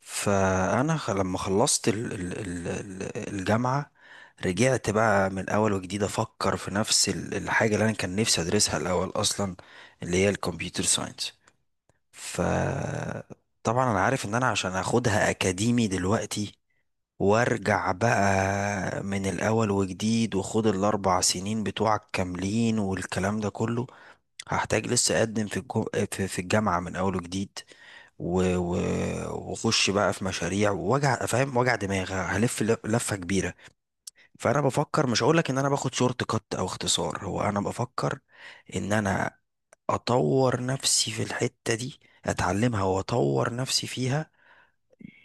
لما خلصت الجامعه، رجعت بقى من اول وجديد افكر في نفس الحاجه اللي انا كان نفسي ادرسها الاول اصلا، اللي هي الكمبيوتر ساينس. ف طبعا انا عارف ان انا عشان اخدها اكاديمي دلوقتي وارجع بقى من الاول وجديد وخد الاربع سنين بتوعك كاملين والكلام ده كله، هحتاج لسه اقدم في في الجامعه من اول وجديد و... و... واخش بقى في مشاريع ووجع، فاهم، وجع دماغ، هلف لفه كبيره. فانا بفكر، مش هقول لك ان انا باخد شورت كات او اختصار، هو انا بفكر ان انا اطور نفسي في الحته دي، اتعلمها واطور نفسي فيها،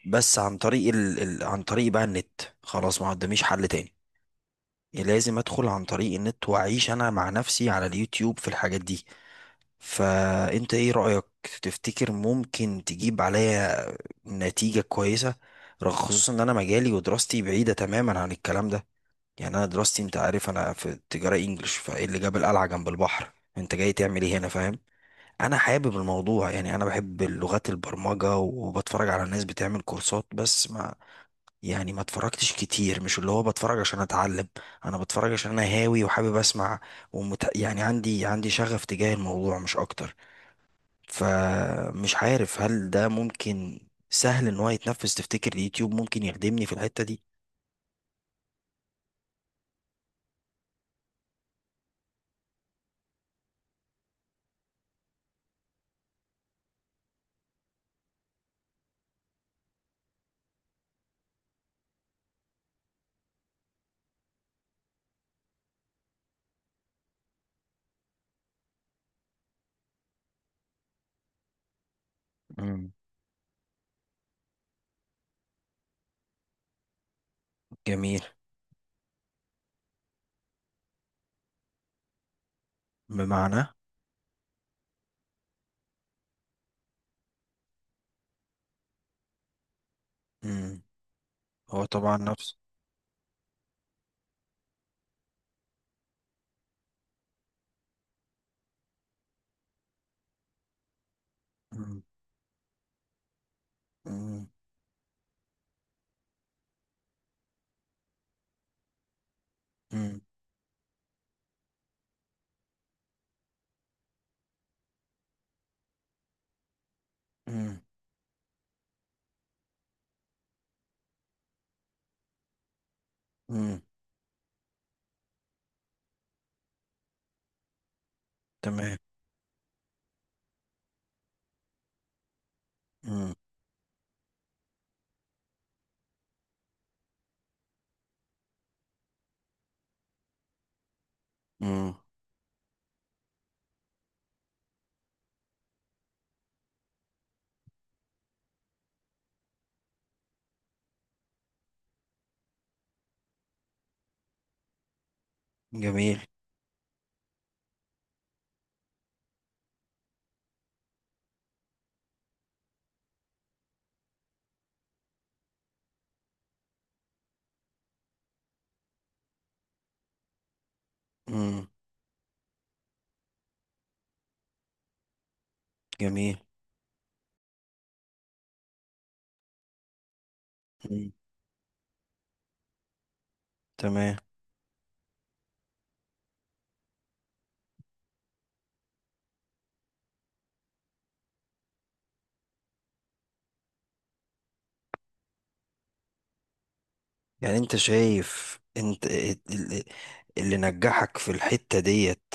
بس عن طريق عن طريق بقى النت. خلاص ما قداميش حل تاني، لازم ادخل عن طريق النت واعيش انا مع نفسي على اليوتيوب في الحاجات دي. فانت ايه رأيك؟ تفتكر ممكن تجيب عليا نتيجة كويسة، رغم، خصوصا ان انا مجالي ودراستي بعيدة تماما عن الكلام ده؟ يعني انا دراستي، انت عارف انا في تجارة انجلش، فايه اللي جاب القلعة جنب البحر؟ انت جاي تعمل ايه هنا، فاهم؟ انا حابب الموضوع، يعني انا بحب لغات البرمجة وبتفرج على ناس بتعمل كورسات، بس ما، يعني ما اتفرجتش كتير، مش اللي هو بتفرج عشان اتعلم، انا بتفرج عشان انا هاوي وحابب اسمع. يعني عندي، عندي شغف تجاه الموضوع، مش اكتر. فمش عارف هل ده ممكن، سهل ان هو يتنفذ؟ تفتكر اليوتيوب ممكن يخدمني في الحتة دي؟ مم. جميل. بمعنى؟ مم. هو طبعا نفس. مم. مم. مم. مم. مم. تمام. مم. مم. جميل. مم. جميل. مم. تمام. يعني انت شايف انت ال- اللي نجحك في الحتة ديت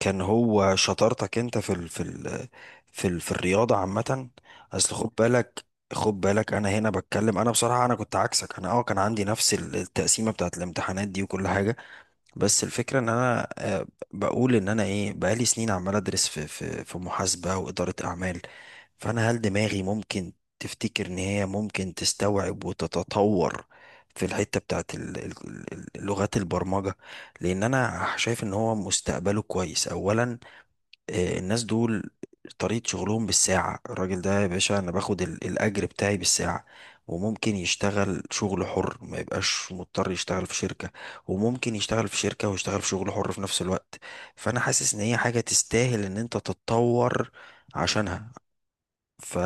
كان هو شطارتك انت في ال في الرياضه عامه؟ اصل خد بالك، خد بالك انا هنا بتكلم. انا بصراحه انا كنت عكسك. انا اه كان عندي نفس التقسيمه بتاعت الامتحانات دي وكل حاجه، بس الفكرة ان انا بقول ان انا ايه، بقالي سنين عمال ادرس في في محاسبة وإدارة اعمال. فانا هل دماغي ممكن، تفتكر ان هي ممكن تستوعب وتتطور في الحتة بتاعت لغات البرمجة؟ لان انا شايف ان هو مستقبله كويس اولا. الناس دول طريقة شغلهم بالساعة. الراجل ده يا باشا أنا باخد الأجر بتاعي بالساعة، وممكن يشتغل شغل حر، ما يبقاش مضطر يشتغل في شركة، وممكن يشتغل في شركة ويشتغل في شغل حر في نفس الوقت. فأنا حاسس إن هي حاجة تستاهل إن أنت تتطور عشانها. ف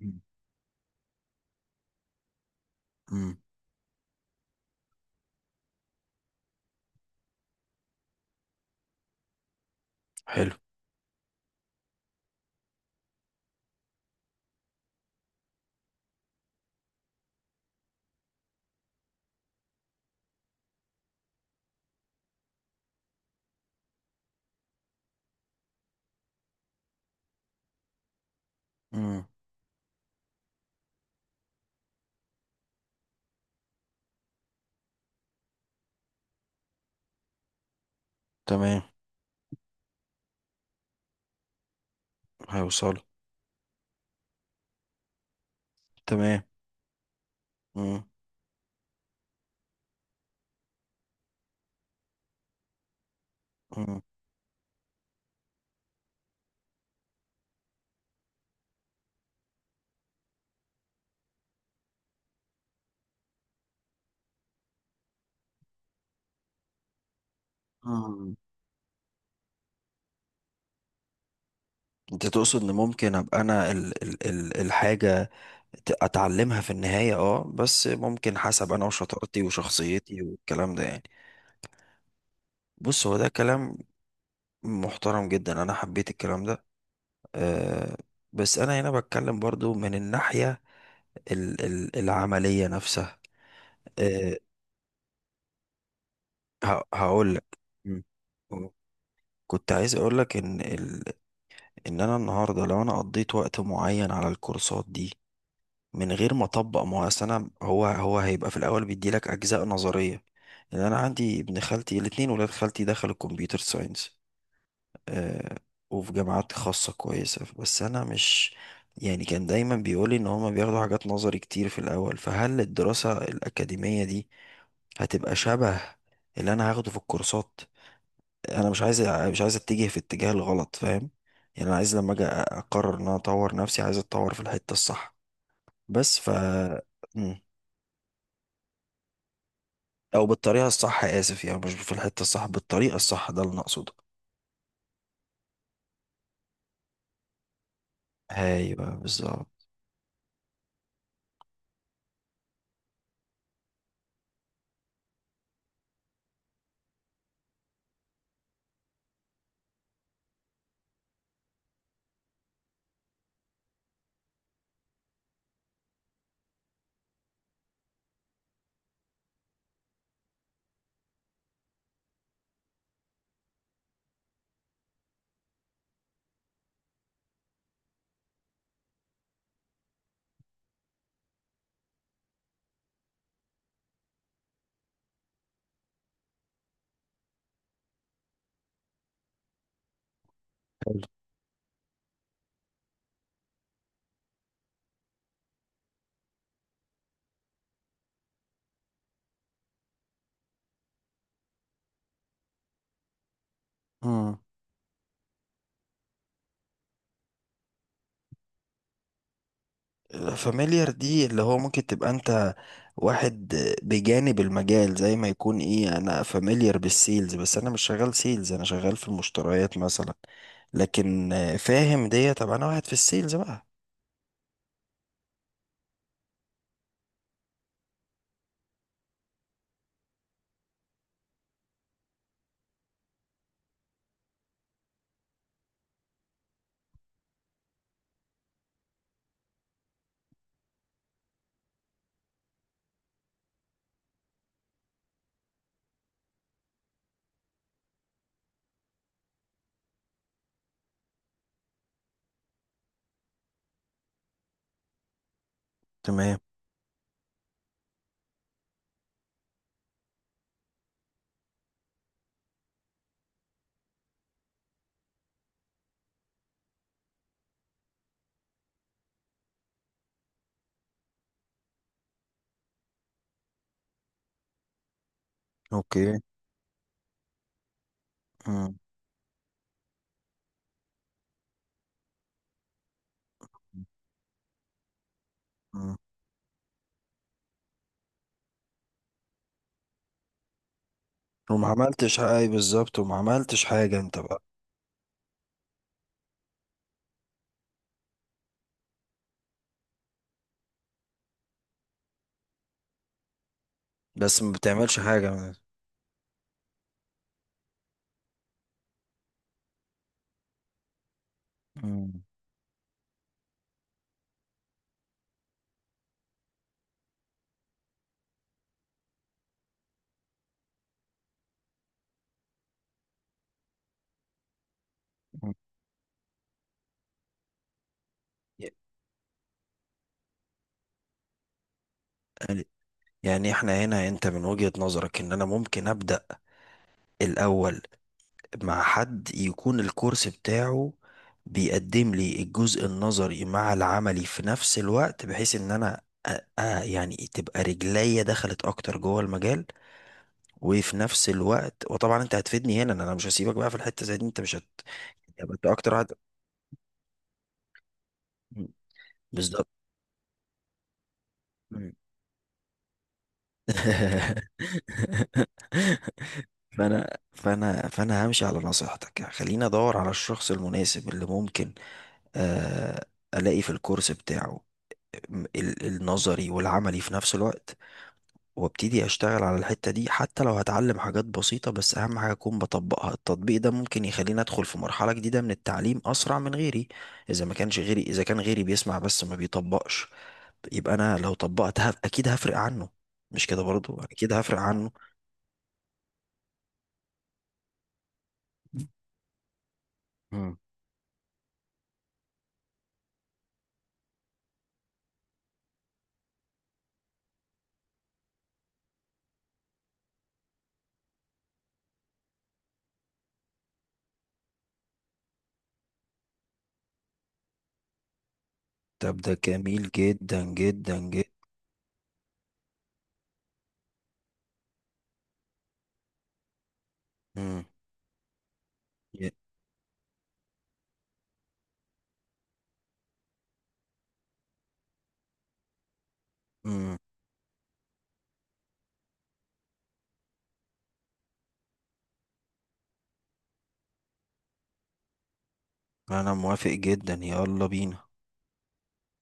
مم. مم. حلو. مم. تمام. هيوصل. تمام. مم. مم. آه. انت تقصد ان ممكن ابقى انا ال الحاجة اتعلمها في النهاية، اه، بس ممكن حسب انا وشطارتي وشخصيتي والكلام ده، يعني؟ بص، هو ده كلام محترم جدا، انا حبيت الكلام ده. أه. بس انا هنا بتكلم برضو من الناحية ال العملية نفسها. أه، هقول لك. كنت عايز اقول لك ان ان انا النهاردة لو انا قضيت وقت معين على الكورسات دي من غير ما اطبق، ما هو أصل انا، هو هيبقى في الاول بيديلك اجزاء نظريه. يعني انا عندي ابن خالتي، الاثنين ولاد خالتي دخلوا الكمبيوتر ساينس، آه، وفي جامعات خاصه كويسه، بس انا مش، يعني كان دايما بيقولي ان هما بياخدوا حاجات نظري كتير في الاول. فهل الدراسه الاكاديميه دي هتبقى شبه اللي انا هاخده في الكورسات؟ انا مش عايز، مش عايز اتجه في الاتجاه الغلط، فاهم؟ يعني انا عايز لما اجي اقرر ان انا اطور نفسي، عايز اتطور في الحته الصح. بس او بالطريقه الصح، اسف، يعني مش في الحته الصح، بالطريقه الصح، ده اللي انا اقصده. ايوه بالظبط. حلو. امم. فاميليار دي اللي هو ممكن تبقى انت واحد بجانب المجال، زي ما يكون ايه، انا فاميليار بالسيلز بس انا مش شغال سيلز، انا شغال في المشتريات مثلا. لكن آه، فاهم دي طب انا واحد في السيلز بقى. تمام. اوكي. امم. امم. وما عملتش حاجة، أي بالظبط، وما عملتش حاجة انت بقى. بس ما بتعملش حاجة. امم. يعني احنا هنا، انت من وجهة نظرك ان انا ممكن ابدأ الاول مع حد يكون الكورس بتاعه بيقدم لي الجزء النظري مع العملي في نفس الوقت، بحيث ان انا أ- يعني تبقى رجليا دخلت اكتر جوه المجال. وفي نفس الوقت، وطبعا انت هتفيدني هنا، إن انا مش هسيبك بقى في الحتة زي دي، انت مش يبقى انت اكتر واحد. مم. بالظبط. مم. فانا همشي على نصيحتك، يعني خليني ادور على الشخص المناسب اللي ممكن، آه، الاقي في الكورس بتاعه النظري والعملي في نفس الوقت، وابتدي اشتغل على الحتة دي. حتى لو هتعلم حاجات بسيطة، بس اهم حاجة اكون بطبقها. التطبيق ده ممكن يخليني ادخل في مرحلة جديدة من التعليم اسرع من غيري. اذا ما كانش غيري، اذا كان غيري بيسمع بس ما بيطبقش، يبقى انا لو طبقت اكيد هفرق عنه. مش كده برضو؟ اكيد هفرق عنه. مم. طب ده جميل جدا جدا جدا. مم. ي- مم. انا موافق جدا، يلا بينا.